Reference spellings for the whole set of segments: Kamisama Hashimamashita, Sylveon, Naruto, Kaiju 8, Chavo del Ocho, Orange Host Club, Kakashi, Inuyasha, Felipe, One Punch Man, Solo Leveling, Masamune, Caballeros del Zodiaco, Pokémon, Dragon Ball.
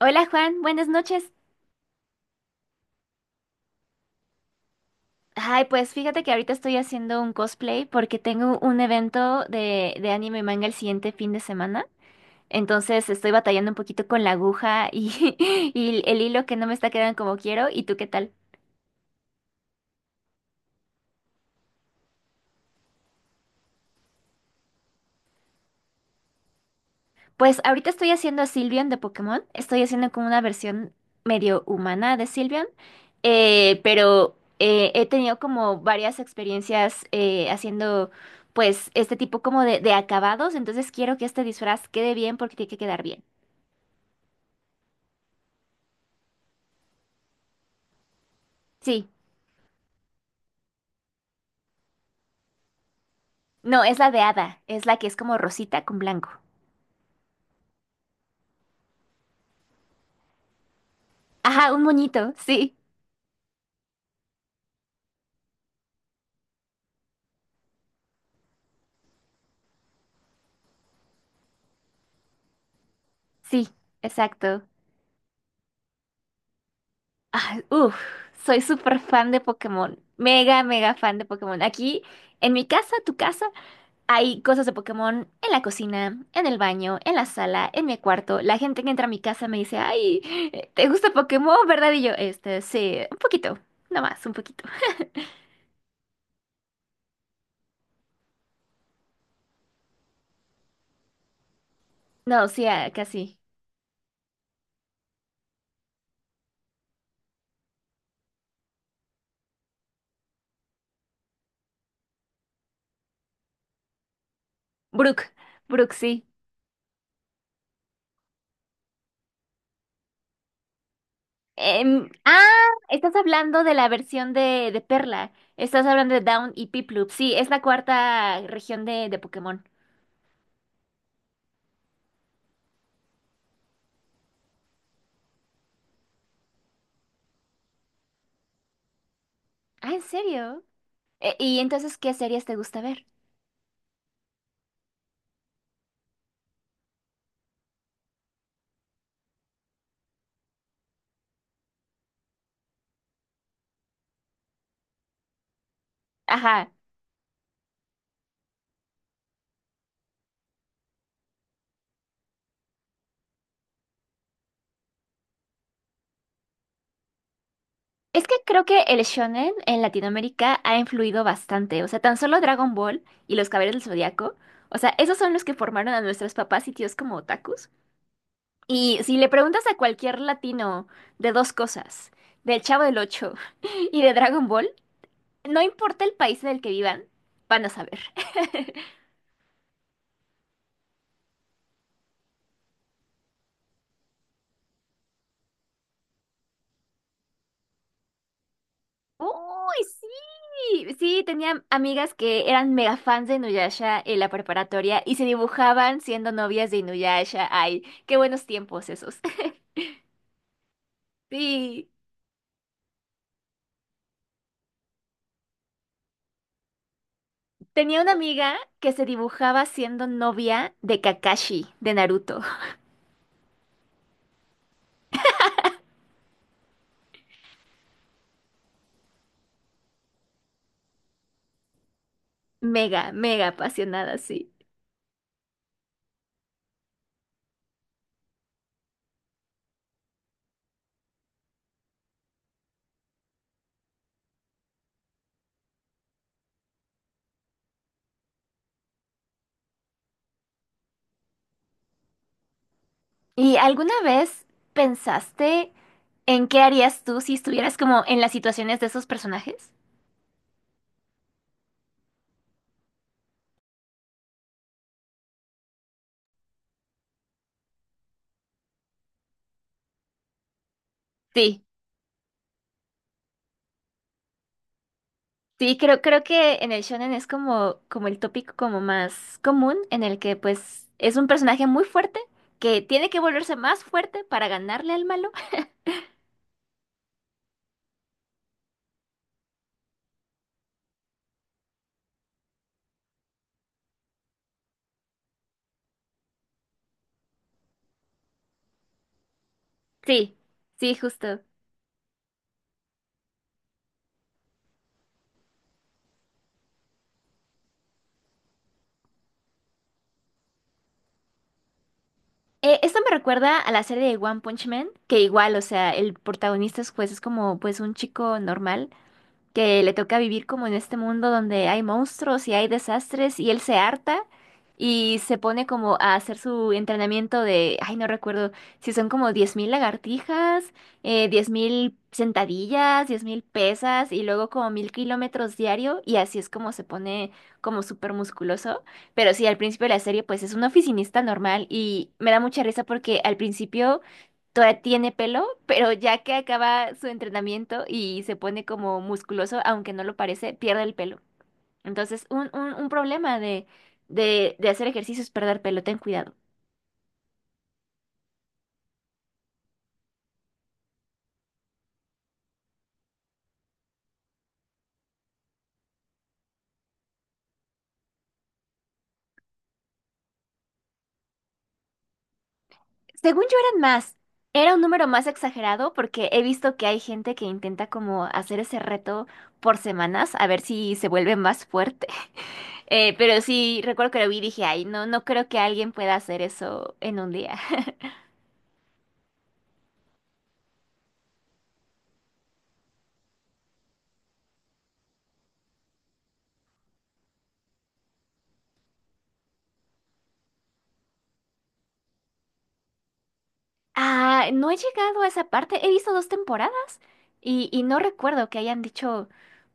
Hola Juan, buenas noches. Ay, pues fíjate que ahorita estoy haciendo un cosplay porque tengo un evento de anime y manga el siguiente fin de semana. Entonces estoy batallando un poquito con la aguja y, y el hilo que no me está quedando como quiero. ¿Y tú qué tal? Pues ahorita estoy haciendo a Sylveon de Pokémon. Estoy haciendo como una versión medio humana de Sylveon. Pero he tenido como varias experiencias haciendo pues este tipo como de acabados. Entonces quiero que este disfraz quede bien porque tiene que quedar bien. Sí. No, es la de hada. Es la que es como rosita con blanco. Ajá, un moñito. Sí. Sí. Exacto. Ah, uf, soy súper fan de Pokémon. Mega, mega fan de Pokémon. Aquí, en mi casa, tu casa. Hay cosas de Pokémon en la cocina, en el baño, en la sala, en mi cuarto. La gente que entra a mi casa me dice, ay, ¿te gusta Pokémon, verdad? Y yo, este, sí, un poquito, nada más, un poquito. No, sí, ah, casi. Brooke, Brooke, sí. Ah, estás hablando de la versión de Perla. Estás hablando de Down y Piplup. Sí, es la cuarta región de Pokémon. Ah, ¿en serio? ¿Y entonces qué series te gusta ver? Ajá. Es que creo que el shonen en Latinoamérica ha influido bastante. O sea, tan solo Dragon Ball y los Caballeros del Zodiaco. O sea, esos son los que formaron a nuestros papás y tíos como otakus. Y si le preguntas a cualquier latino de dos cosas, del Chavo del Ocho y de Dragon Ball, no importa el país en el que vivan, van a saber. Uy, sí, sí, tenía amigas que eran mega fans de Inuyasha en la preparatoria y se dibujaban siendo novias de Inuyasha. Ay, qué buenos tiempos esos. Sí, tenía una amiga que se dibujaba siendo novia de Kakashi, de Naruto. Mega, mega apasionada, sí. ¿Y alguna vez pensaste en qué harías tú si estuvieras como en las situaciones de esos personajes? Sí, sí, creo que en el shonen es como el tópico como más común, en el que pues es un personaje muy fuerte que tiene que volverse más fuerte para ganarle al malo. Sí, sí, justo. Esto me recuerda a la serie de One Punch Man, que igual, o sea, el protagonista es, pues es como pues un chico normal que le toca vivir como en este mundo donde hay monstruos y hay desastres y él se harta y se pone como a hacer su entrenamiento de, ay, no recuerdo si son como 10,000 lagartijas, 10,000 sentadillas, 10,000 pesas y luego como 1,000 kilómetros diario y así es como se pone como súper musculoso. Pero sí, al principio de la serie pues es un oficinista normal y me da mucha risa porque al principio todavía tiene pelo, pero ya que acaba su entrenamiento y se pone como musculoso, aunque no lo parece, pierde el pelo. Entonces, un problema de hacer ejercicio es perder pelo, ten cuidado. Según yo eran más, era un número más exagerado porque he visto que hay gente que intenta como hacer ese reto por semanas a ver si se vuelve más fuerte. Pero sí, recuerdo que lo vi y dije, ay, no, no creo que alguien pueda hacer eso en un día. Ah, no he llegado a esa parte. He visto dos temporadas y no recuerdo que hayan dicho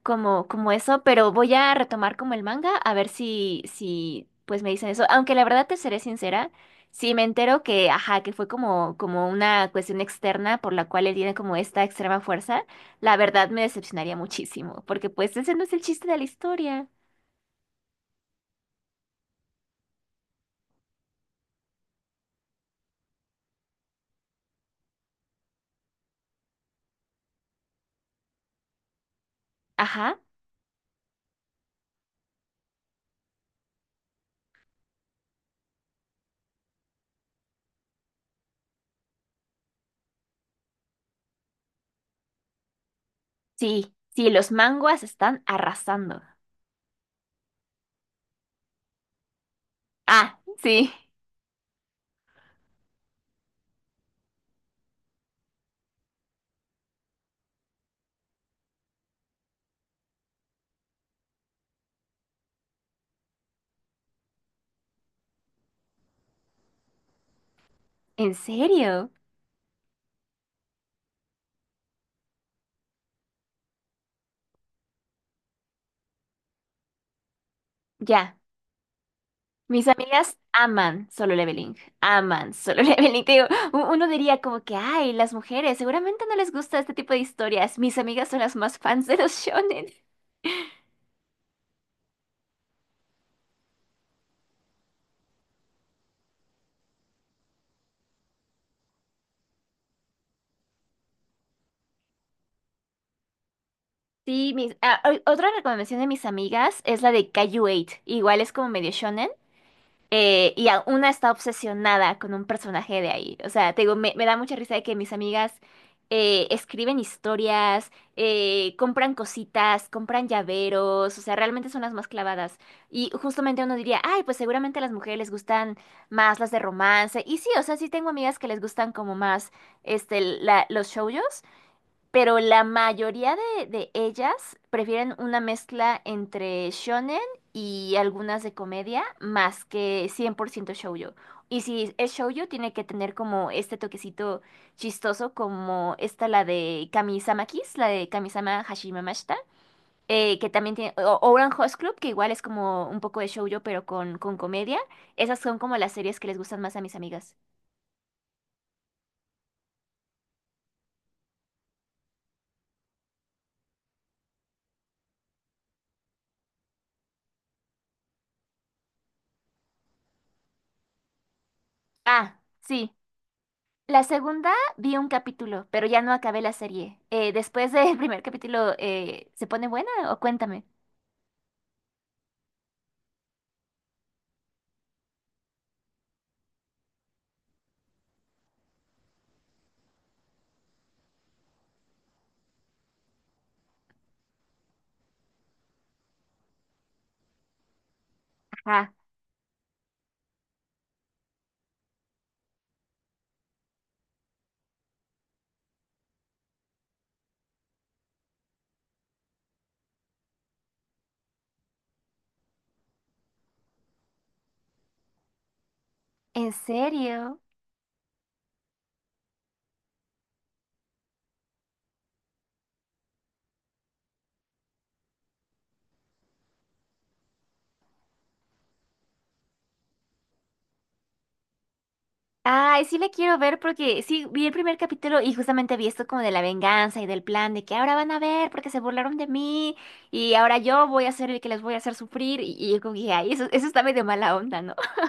como eso, pero voy a retomar como el manga a ver si pues me dicen eso. Aunque la verdad te seré sincera, si me entero que, ajá, que fue como, como una cuestión externa por la cual él tiene como esta extrema fuerza, la verdad me decepcionaría muchísimo, porque pues ese no es el chiste de la historia. Ajá, sí, sí, los manguas están arrasando. Ah, sí, ¿en serio? Ya. Mis amigas aman Solo Leveling, aman Solo Leveling. Te digo, uno diría como que, ay, las mujeres seguramente no les gusta este tipo de historias. Mis amigas son las más fans de los shonen. Sí, otra recomendación de mis amigas es la de Kaiju 8. Igual es como medio shonen. Y una está obsesionada con un personaje de ahí. O sea, te digo, me da mucha risa de que mis amigas escriben historias, compran cositas, compran llaveros, o sea, realmente son las más clavadas. Y justamente uno diría, ay, pues seguramente a las mujeres les gustan más las de romance. Y sí, o sea, sí tengo amigas que les gustan como más este, los shoujos, pero la mayoría de ellas prefieren una mezcla entre shonen y algunas de comedia más que 100% shoujo. Y si es shoujo, tiene que tener como este toquecito chistoso, como esta, la de Kamisama Kiss, la de Kamisama Hashimamashita, que también tiene, o Orange Host Club, que igual es como un poco de shoujo, pero con comedia. Esas son como las series que les gustan más a mis amigas. Ah, sí. La segunda vi un capítulo, pero ya no acabé la serie. Después del primer capítulo, ¿se pone buena o cuéntame? Ajá. ¿En serio? Ay, sí la quiero ver porque sí, vi el primer capítulo y justamente vi esto como de la venganza y del plan de que ahora van a ver porque se burlaron de mí y ahora yo voy a ser el que les voy a hacer sufrir y yo como que dije, ay, eso está medio mala onda, ¿no?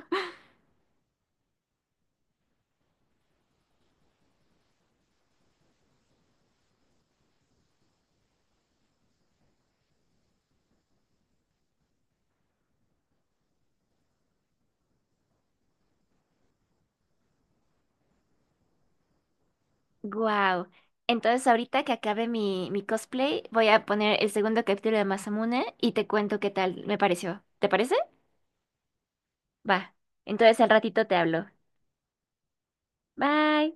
Wow. Entonces ahorita que acabe mi cosplay, voy a poner el segundo capítulo de Masamune y te cuento qué tal me pareció. ¿Te parece? Va, entonces al ratito te hablo. Bye.